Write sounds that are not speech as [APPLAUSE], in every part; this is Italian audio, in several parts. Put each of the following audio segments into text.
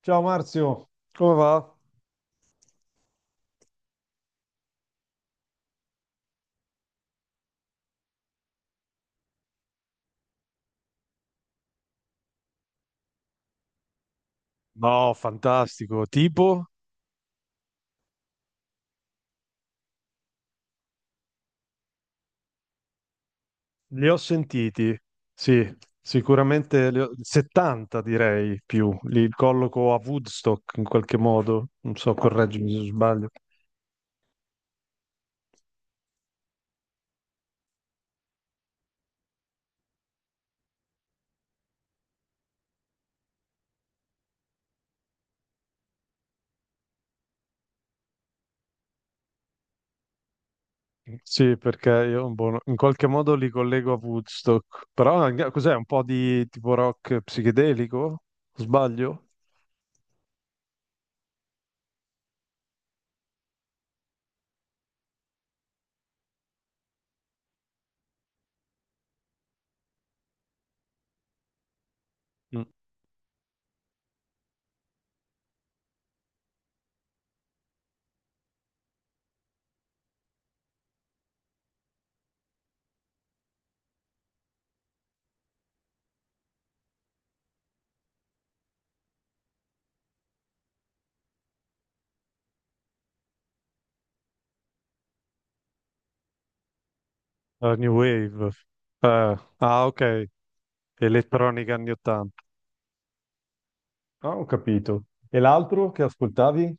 Ciao Marzio, come va? No, fantastico. Tipo, li ho sentiti. Sì, sicuramente 70 direi più. Li colloco a Woodstock in qualche modo. Non so, correggimi se sbaglio. Sì, perché io boh, no, in qualche modo li collego a Woodstock. Cos'è? Un po' di tipo rock psichedelico? Sbaglio? Mm. New Wave. Eh, ah, ok. Elettronica anni 80. Ah, ho capito. E l'altro che ascoltavi?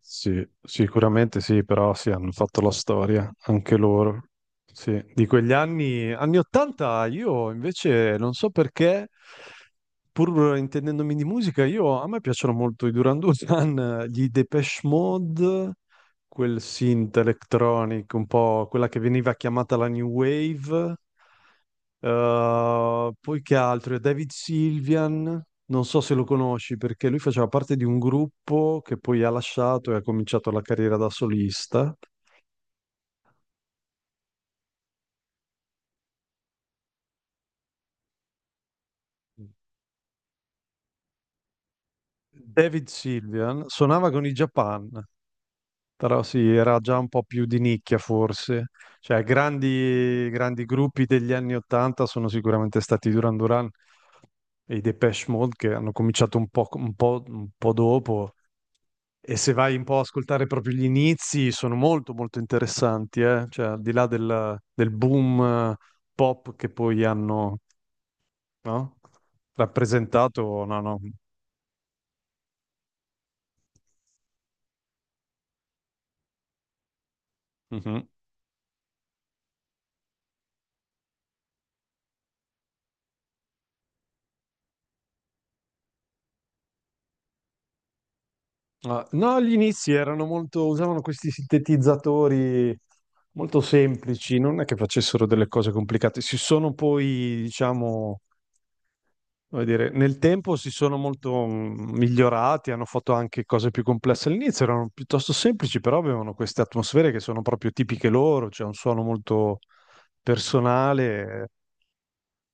Sì, sicuramente sì, però sì, hanno fatto la storia, anche loro. Sì, di quegli anni, anni 80, io invece non so perché, pur intendendomi di musica, a me piacciono molto i Duran Duran, gli Depeche Mode, quel synth electronic, un po' quella che veniva chiamata la New Wave. Poi che altro? David Sylvian, non so se lo conosci perché lui faceva parte di un gruppo che poi ha lasciato e ha cominciato la carriera da solista. David Sylvian suonava con i Japan, però sì, era già un po' più di nicchia forse. Cioè, grandi, grandi gruppi degli anni 80 sono sicuramente stati i Duran Duran, e i Depeche Mode che hanno cominciato un po', dopo. E se vai un po' a ascoltare proprio gli inizi, sono molto molto interessanti, eh? Cioè, al di là del boom pop che poi hanno, no, rappresentato, no, no. Mhm. Ah, no, gli inizi erano molto, usavano questi sintetizzatori molto semplici, non è che facessero delle cose complicate. Si sono poi, diciamo, come dire, nel tempo si sono molto migliorati, hanno fatto anche cose più complesse. All'inizio erano piuttosto semplici, però avevano queste atmosfere che sono proprio tipiche loro, c'è un suono molto personale,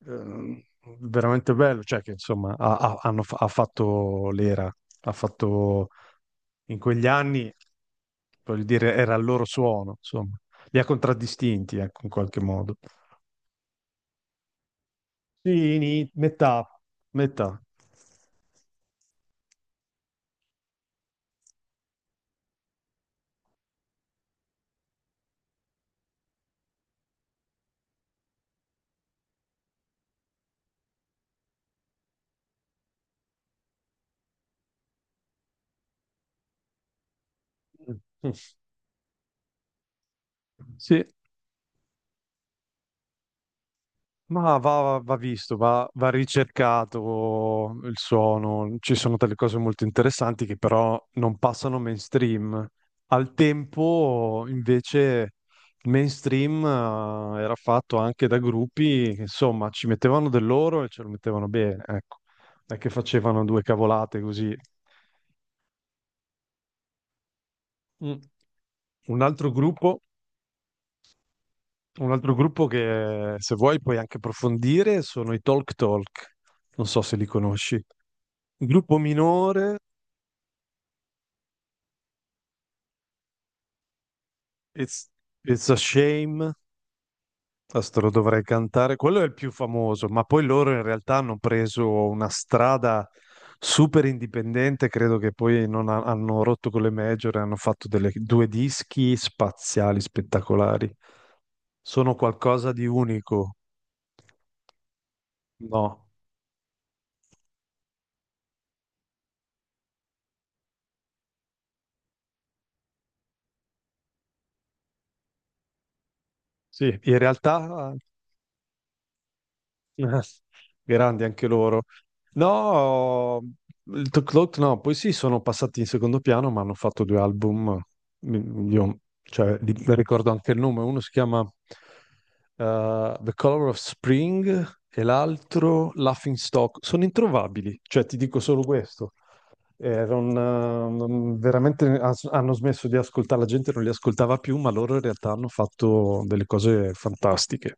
ehm, veramente bello, cioè che insomma ha fatto l'era, ha fatto in quegli anni, voglio dire, era il loro suono, insomma, li ha contraddistinti, ecco, in qualche modo. Sì, metà, metà. Mm. [LAUGHS] Sì. Ma va, va visto, va ricercato il suono, ci sono delle cose molto interessanti che però non passano mainstream. Al tempo invece il mainstream era fatto anche da gruppi che insomma ci mettevano del loro e ce lo mettevano bene, ecco, non è che facevano due cavolate così. Mm. Un altro gruppo Un altro gruppo che se vuoi puoi anche approfondire sono i Talk Talk, non so se li conosci. Gruppo minore, It's, It's a Shame, questo lo dovrei cantare, quello è il più famoso, ma poi loro in realtà hanno preso una strada super indipendente, credo che poi non ha- hanno rotto con le major e hanno fatto due dischi spaziali, spettacolari. Sono qualcosa di unico. No, sì, in realtà [LAUGHS] Ah, grandi anche loro. No, il Tok Tok no, poi sì, sono passati in secondo piano, ma hanno fatto due album. Io, cioè, mi ricordo anche il nome. Uno si chiama The Color of Spring e l'altro Laughing Stock. Sono introvabili, cioè ti dico solo questo. Eh, non, eh, hanno smesso di ascoltare, la gente non li ascoltava più, ma loro in realtà hanno fatto delle cose fantastiche,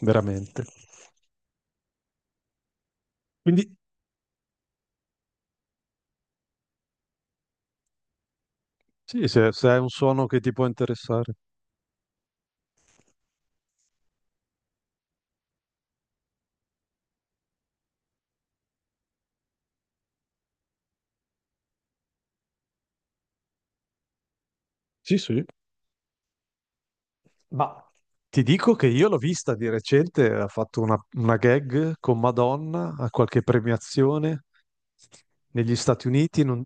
veramente. Quindi. Sì, se è un suono che ti può interessare. Sì, sì. Ma ti dico che io l'ho vista di recente, ha fatto una gag con Madonna a qualche premiazione negli Stati Uniti,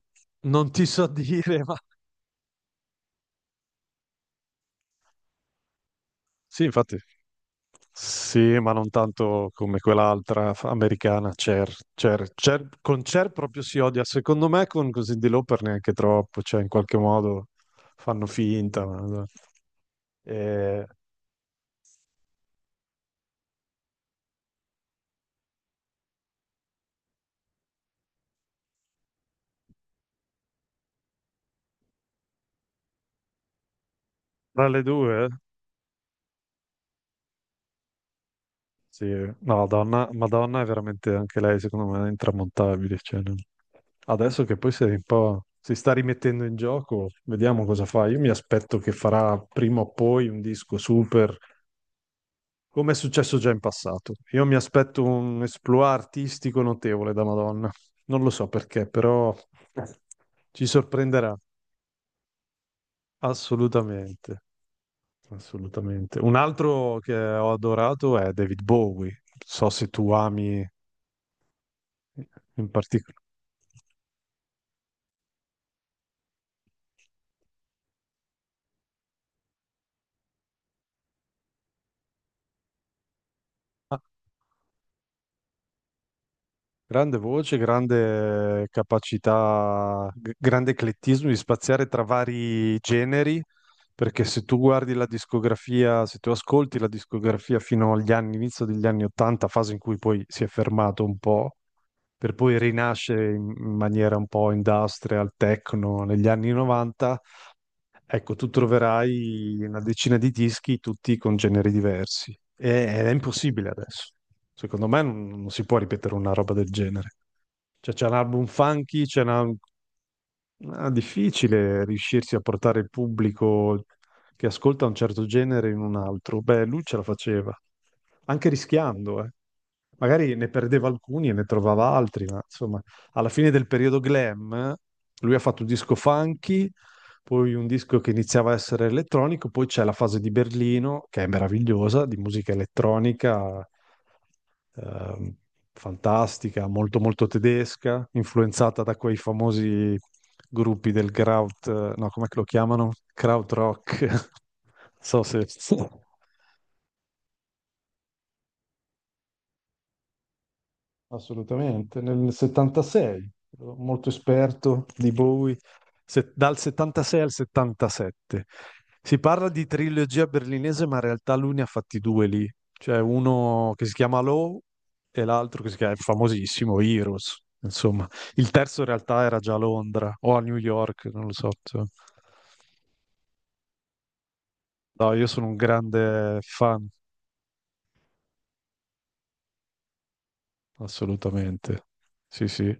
non ti so [LAUGHS] dire, ma. Sì, infatti. Sì, ma non tanto come quell'altra americana, Cher. Con Cher proprio si odia. Secondo me con così di Lauper neanche troppo, cioè in qualche modo fanno finta. No. Eh, tra le due? Eh? Sì, no, Madonna è veramente anche lei, secondo me, intramontabile. Cioè, non- Adesso che poi si è un po', si sta rimettendo in gioco, vediamo cosa fa. Io mi aspetto che farà prima o poi un disco super, come è successo già in passato. Io mi aspetto un esploit artistico notevole da Madonna. Non lo so perché, però ci sorprenderà assolutamente. Assolutamente. Un altro che ho adorato è David Bowie. So se tu ami in particolare. Ah, grande voce, grande capacità, grande eclettismo di spaziare tra vari generi, perché se tu guardi la discografia, se tu ascolti la discografia fino inizio degli anni 80, fase in cui poi si è fermato un po', per poi rinascere in maniera un po' industrial, techno negli anni 90. Ecco, tu troverai una decina di dischi, tutti con generi diversi. Ed è impossibile adesso. Secondo me non si può ripetere una roba del genere. Cioè, c'è un album funky. Ah, difficile riuscirsi a portare il pubblico che ascolta un certo genere in un altro. Beh, lui ce la faceva, anche rischiando, eh. Magari ne perdeva alcuni e ne trovava altri, ma insomma, alla fine del periodo glam, lui ha fatto un disco funky, poi un disco che iniziava a essere elettronico, poi c'è la fase di Berlino, che è meravigliosa, di musica elettronica ehm, fantastica, molto molto tedesca, influenzata da quei famosi gruppi del Kraut, no, come lo chiamano? Krautrock. [LAUGHS] Non so se. Assolutamente, nel 76, ero molto esperto di Bowie, dal 76 al 77. Si parla di trilogia berlinese, ma in realtà lui ne ha fatti due lì, cioè uno che si chiama Low e l'altro che si chiama, è famosissimo, Heroes. Insomma, il terzo in realtà era già a Londra o a New York, non lo so. Insomma. No, io sono un grande fan, assolutamente. Sì, sì.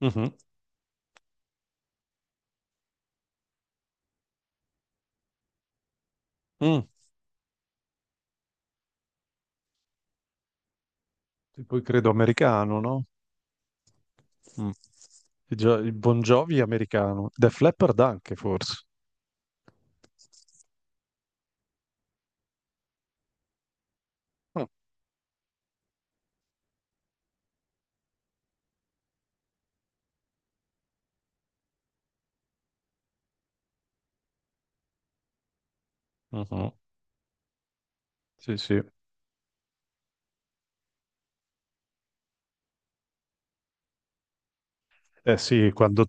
Mhm. Mm. E poi credo americano, no? Mm. Il Bon Jovi americano. Def Leppard anche, forse. Ah, mhm. Sì, sì. Eh sì, quando.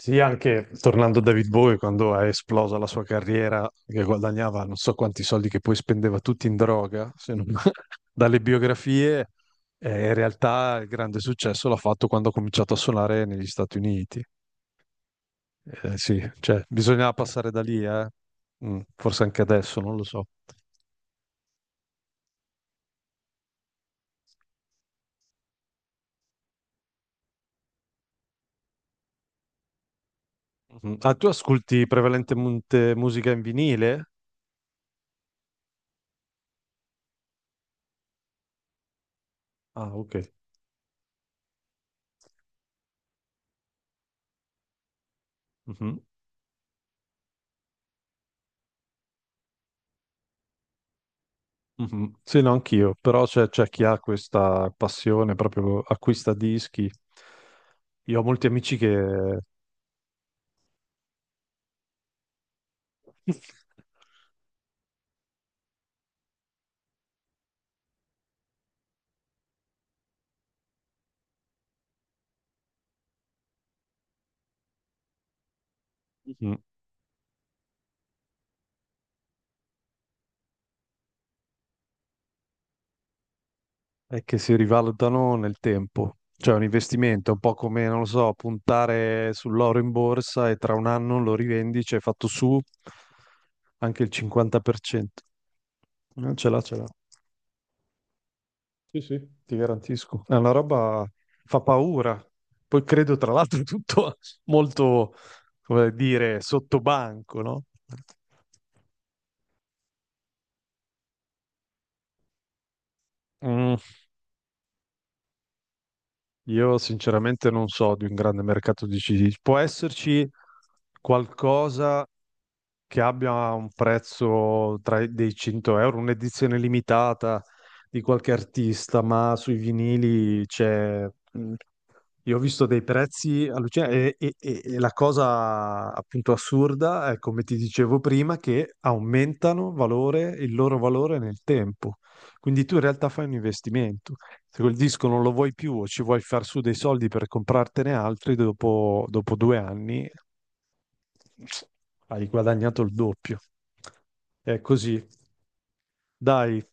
Sì, anche tornando a David Bowie, quando è esplosa la sua carriera, che guadagnava non so quanti soldi che poi spendeva tutti in droga, se non- [LAUGHS] dalle biografie, in realtà il grande successo l'ha fatto quando ha cominciato a suonare negli Stati Uniti. Sì, cioè, bisognava passare da lì, eh. Forse anche adesso, non lo so. Mhm. Ah, tu ascolti prevalentemente musica in vinile? Ah, ok. Mhm. Mhm. Sì, no, anch'io, però c'è chi ha questa passione, proprio acquista dischi. Io ho molti amici che. Mhm. [LAUGHS] E che si rivalutano nel tempo. Cioè, è un investimento, è un po' come, non lo so, puntare sull'oro in borsa e tra un anno lo rivendi, ci hai fatto su anche il 50%. Ce l'ha, ce l'ha. Sì, sì, ti garantisco. È una roba fa paura. Poi credo, tra l'altro, [LAUGHS] tutto molto, come dire, sottobanco, no? Mm, io sinceramente non so di un grande mercato di CD. Può esserci qualcosa che abbia un prezzo tra i dei 100 euro, un'edizione limitata di qualche artista, ma sui vinili c'è. mm, Io ho visto dei prezzi allucinanti e la cosa appunto assurda è, come ti dicevo prima, che aumentano valore, il loro valore nel tempo. Quindi tu in realtà fai un investimento. Se quel disco non lo vuoi più o ci vuoi far su dei soldi per comprartene altri, dopo due anni hai guadagnato il doppio. È così. Dai,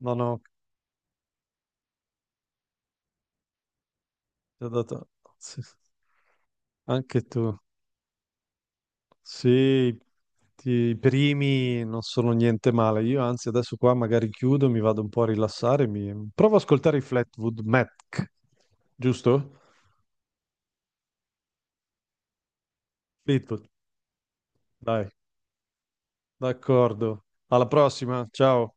no, no, ti ho dato- sì, sì. Anche tu. Sì, i primi non sono niente male. Io anzi adesso qua magari chiudo, mi vado un po' a rilassare. Provo ad ascoltare i Flatwood Mac, giusto? Fleetwood, dai, d'accordo. Alla prossima, ciao.